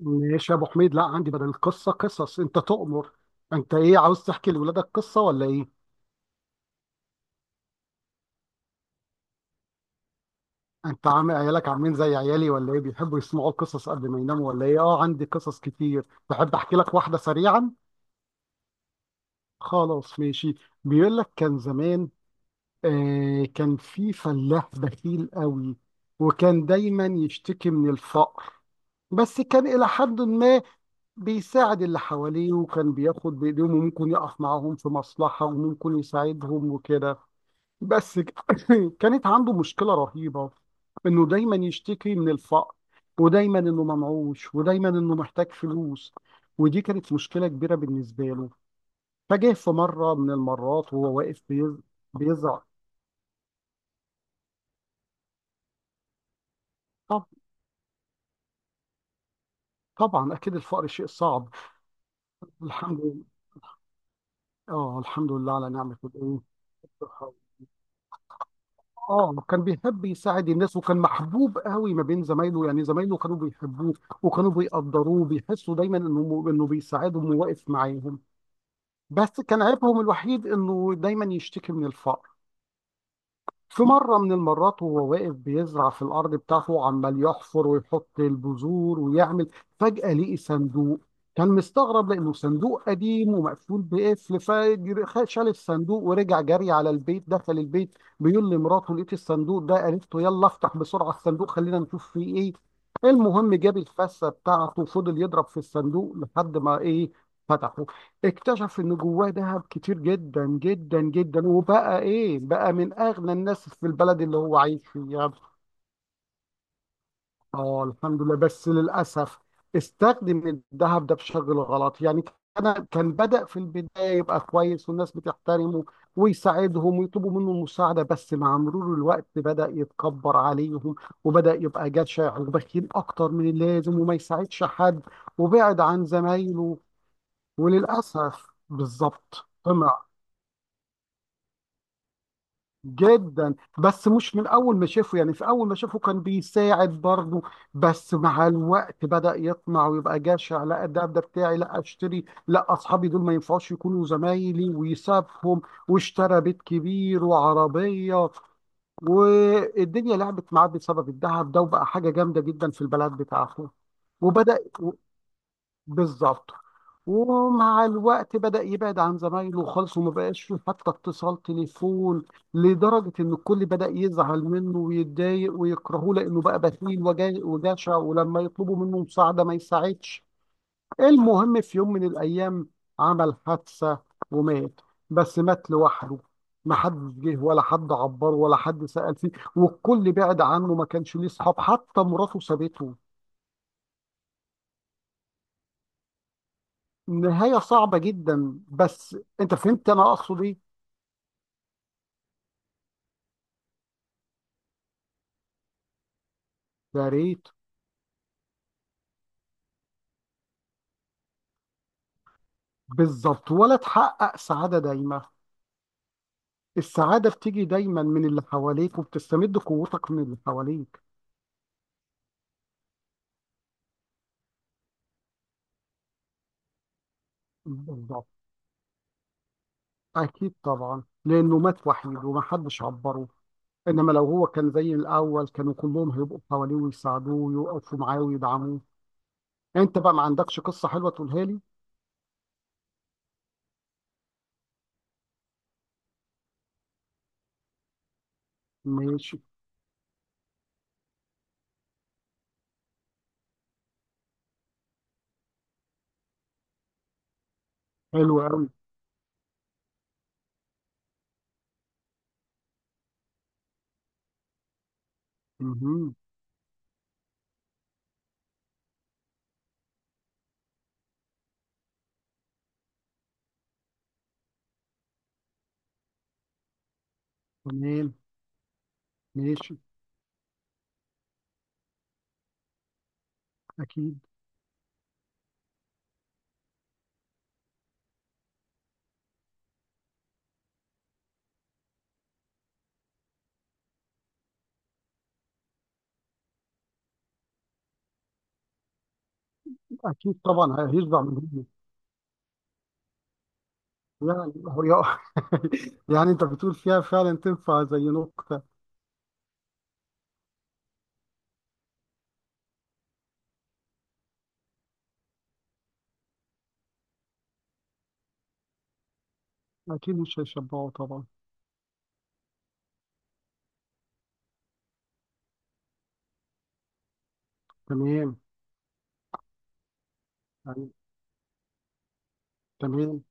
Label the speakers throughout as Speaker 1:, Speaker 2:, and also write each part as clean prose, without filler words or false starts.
Speaker 1: ماشي يا ابو حميد، لا عندي بدل القصه قصص، انت تؤمر. انت ايه عاوز تحكي لاولادك قصه ولا ايه؟ انت عامل عيالك عاملين زي عيالي ولا ايه؟ بيحبوا يسمعوا القصص قبل ما يناموا ولا ايه؟ اه عندي قصص كتير. تحب احكي لك واحده سريعا؟ خلاص ماشي. بيقول لك كان زمان، كان في فلاح بخيل قوي، وكان دايما يشتكي من الفقر. بس كان إلى حد ما بيساعد اللي حواليه، وكان بياخد بإيديهم وممكن يقف معاهم في مصلحة وممكن يساعدهم وكده. بس ك- كانت عنده مشكلة رهيبة، انه دايما يشتكي من الفقر، ودايما انه منعوش، ودايما انه محتاج فلوس. ودي كانت مشكلة كبيرة بالنسبة له. فجاه في مرة من المرات وهو واقف بيزعل. طب طبعا اكيد الفقر شيء صعب. الحمد لله، اه الحمد لله على نعمة الايه. اه كان بيحب يساعد الناس، وكان محبوب قوي ما بين زمايله، يعني زمايله كانوا بيحبوه وكانوا بيقدروه، بيحسوا دايما انه بيساعدهم وواقف معاهم. بس كان عيبهم الوحيد انه دايما يشتكي من الفقر. في مرة من المرات وهو واقف بيزرع في الأرض بتاعته، عمال يحفر ويحط البذور ويعمل، فجأة لقي صندوق. كان مستغرب لأنه صندوق قديم ومقفول بقفل. فشال الصندوق ورجع جري على البيت، دخل البيت بيقول لمراته لقيت الصندوق ده، قالت له يلا افتح بسرعة الصندوق خلينا نشوف فيه ايه. المهم جاب الفاسة بتاعته وفضل يضرب في الصندوق لحد ما ايه، فتحه. اكتشف ان جواه ذهب كتير جدا جدا جدا، وبقى ايه بقى، من اغنى الناس في البلد اللي هو عايش فيها. اه الحمد لله، بس للاسف استخدم الذهب ده بشكل غلط يعني. انا كان بدأ في البداية يبقى كويس والناس بتحترمه ويساعدهم ويطلبوا منه المساعدة، بس مع مرور الوقت بدأ يتكبر عليهم، وبدأ يبقى جشع وبخيل أكتر من اللازم وما يساعدش حد، وبعد عن زمايله. وللأسف بالظبط جدا، بس مش من اول ما شافه يعني، في اول ما شافه كان بيساعد برضه. بس مع الوقت بدأ يطمع ويبقى جشع، لا ده بتاعي، لا اشتري، لا اصحابي دول ما ينفعوش يكونوا زمايلي، ويسابهم. واشترى بيت كبير وعربية، والدنيا لعبت معاه بسبب الذهب ده، وبقى حاجة جامدة جدا في البلد بتاعته. وبدأ بالظبط ومع الوقت بدأ يبعد عن زمايله خالص، وما بقاش فيه حتى اتصال تليفون. لدرجة إن الكل بدأ يزعل منه ويتضايق ويكرهه لأنه بقى بخيل وجشع، ولما يطلبوا منه مساعدة ما يساعدش. المهم في يوم من الأيام عمل حادثة، ومات. بس مات لوحده، ما حد جه ولا حد عبره ولا حد سأل فيه، والكل بعد عنه، ما كانش ليه صحاب، حتى مراته سابته. نهاية صعبة جدا، بس انت فهمت انا اقصد ايه. يا ريت. بالظبط، ولا تحقق سعادة دايمة. السعادة بتيجي دايما من اللي حواليك، وبتستمد قوتك من اللي حواليك. بالظبط. اكيد طبعا لانه مات وحيد ومحدش عبره، انما لو هو كان زي الاول كانوا كلهم هيبقوا حواليه ويساعدوه ويقفوا معاه ويدعموه. انت بقى ما عندكش قصة حلوة تقولها لي؟ ماشي. حلو قوي. مهم. تمام. ماشي. اكيد. اكيد طبعا هيشبع منهم. يعني هو يعني انت بتقول فيها فعلا تنفع زي نكتة. اكيد مش هيشبعوا طبعا. تمام. يعني. تمام.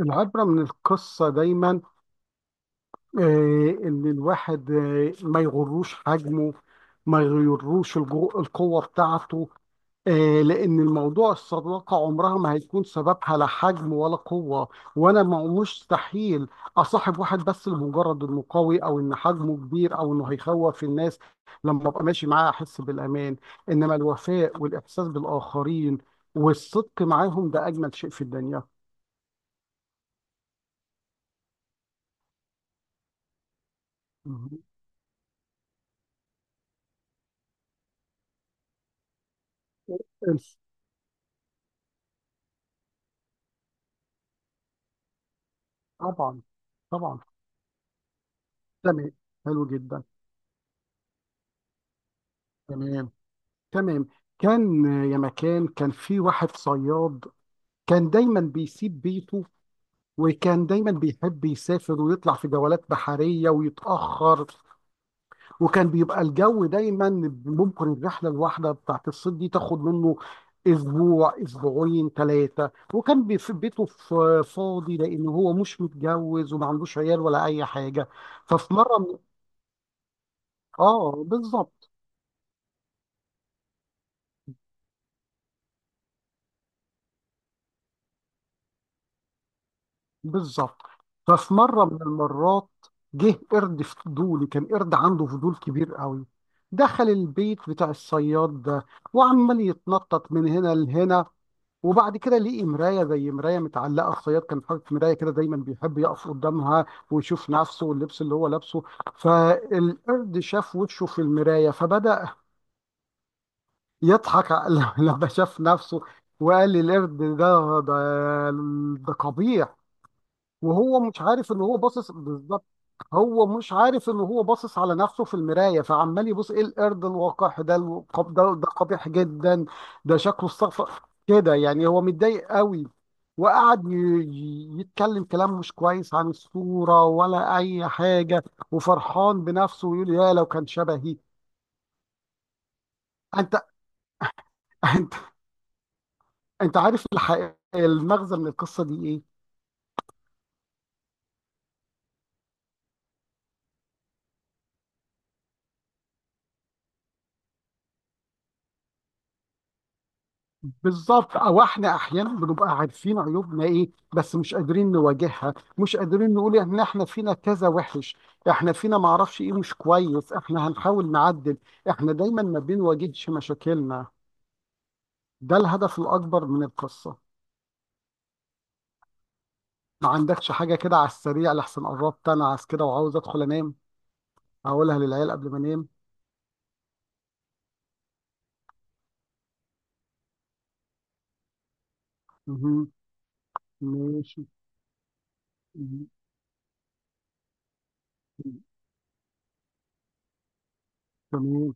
Speaker 1: العبرة من القصة دايما، آه، ان الواحد آه ما يغروش حجمه، ما يغروش القوة بتاعته، آه، لأن الموضوع الصداقة عمرها ما هيكون سببها لا حجم ولا قوة. وأنا ما مستحيل أصاحب واحد بس لمجرد إنه قوي أو إن حجمه كبير أو إنه هيخوف الناس لما أبقى ماشي معاه أحس بالأمان. إنما الوفاء والإحساس بالآخرين والصدق معاهم، ده أجمل شيء في الدنيا. مهم. انس. طبعا. طبعا. تمام. حلو جدا. تمام. تمام. كان آه يا مكان، كان في واحد صياد، كان دايما بيسيب بيته، وكان دايما بيحب يسافر ويطلع في جولات بحرية ويتأخر. وكان بيبقى الجو دايما، ممكن الرحلة الواحدة بتاعت الصيد دي تاخد منه أسبوع أسبوعين ثلاثة. وكان في بيته فاضي، لأن هو مش متجوز وما عندوش عيال ولا أي حاجة. ففي مرة من- آه بالظبط. بالظبط. ففي مرة من المرات جه قرد فضولي، كان قرد عنده فضول كبير قوي. دخل البيت بتاع الصياد ده، وعمال يتنطط من هنا لهنا، وبعد كده لقي مراية، زي مراية متعلقة. الصياد كان حاطط مراية كده دايما بيحب يقف قدامها ويشوف نفسه واللبس اللي هو لابسه. فالقرد شاف وشه في المراية، فبدأ يضحك لما شاف نفسه، وقال للقرد ده ده قبيح، وهو مش عارف ان هو باصص بالظبط. هو مش عارف ان هو باصص على نفسه في المرايه، فعمال يبص ايه القرد الوقح ده، القب ده قبيح جدا، ده شكله استغفر كده، يعني هو متضايق قوي. وقعد يتكلم كلام مش كويس عن الصوره ولا اي حاجه، وفرحان بنفسه ويقول يا لو كان شبهي. انت. انت. انت عارف الحقيقه المغزى من القصه دي ايه؟ بالظبط، او احنا احيانا بنبقى عارفين عيوبنا ايه، بس مش قادرين نواجهها، مش قادرين نقول ان احنا فينا كذا وحش، احنا فينا معرفش ايه مش كويس، احنا هنحاول نعدل، احنا دايما ما بنواجهش مشاكلنا. ده الهدف الاكبر من القصة. ما عندكش حاجة كده على السريع؟ لحسن قربت انا عايز كده وعاوز ادخل انام، اقولها للعيال قبل ما انام. مهم. ماشي. مهم. تمام.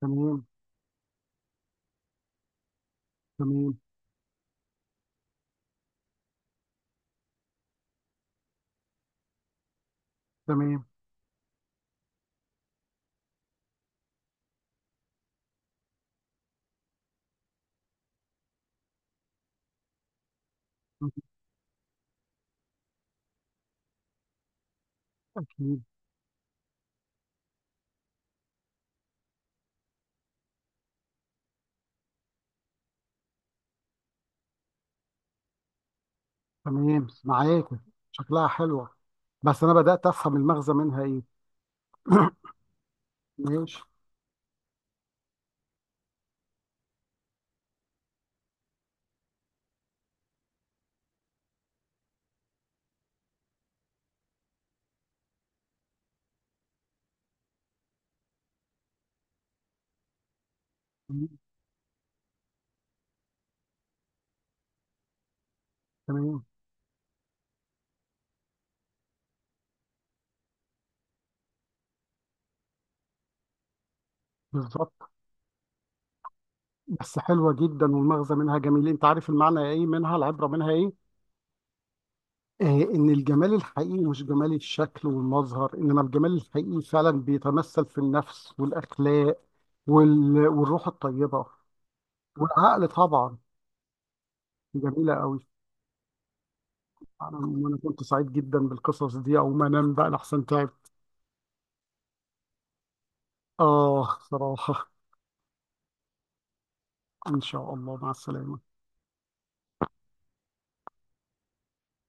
Speaker 1: تمام. تمام. تمام. أكيد. تمام معاك. شكلها حلوة، بس انا بدات افهم المغزى منها ايه. ماشي. مم. تمام. بالظبط. بس حلوه جدا والمغزى منها جميل. انت عارف المعنى ايه منها؟ العبره منها ايه؟ آه، ان الجمال الحقيقي مش جمال الشكل والمظهر، انما الجمال الحقيقي فعلا بيتمثل في النفس والاخلاق والروح الطيبه. والعقل طبعا. جميله قوي. أنا كنت سعيد جدا بالقصص دي، او ما انام بقى لحسن تعب. اه صراحه. ان شاء الله مع السلامه.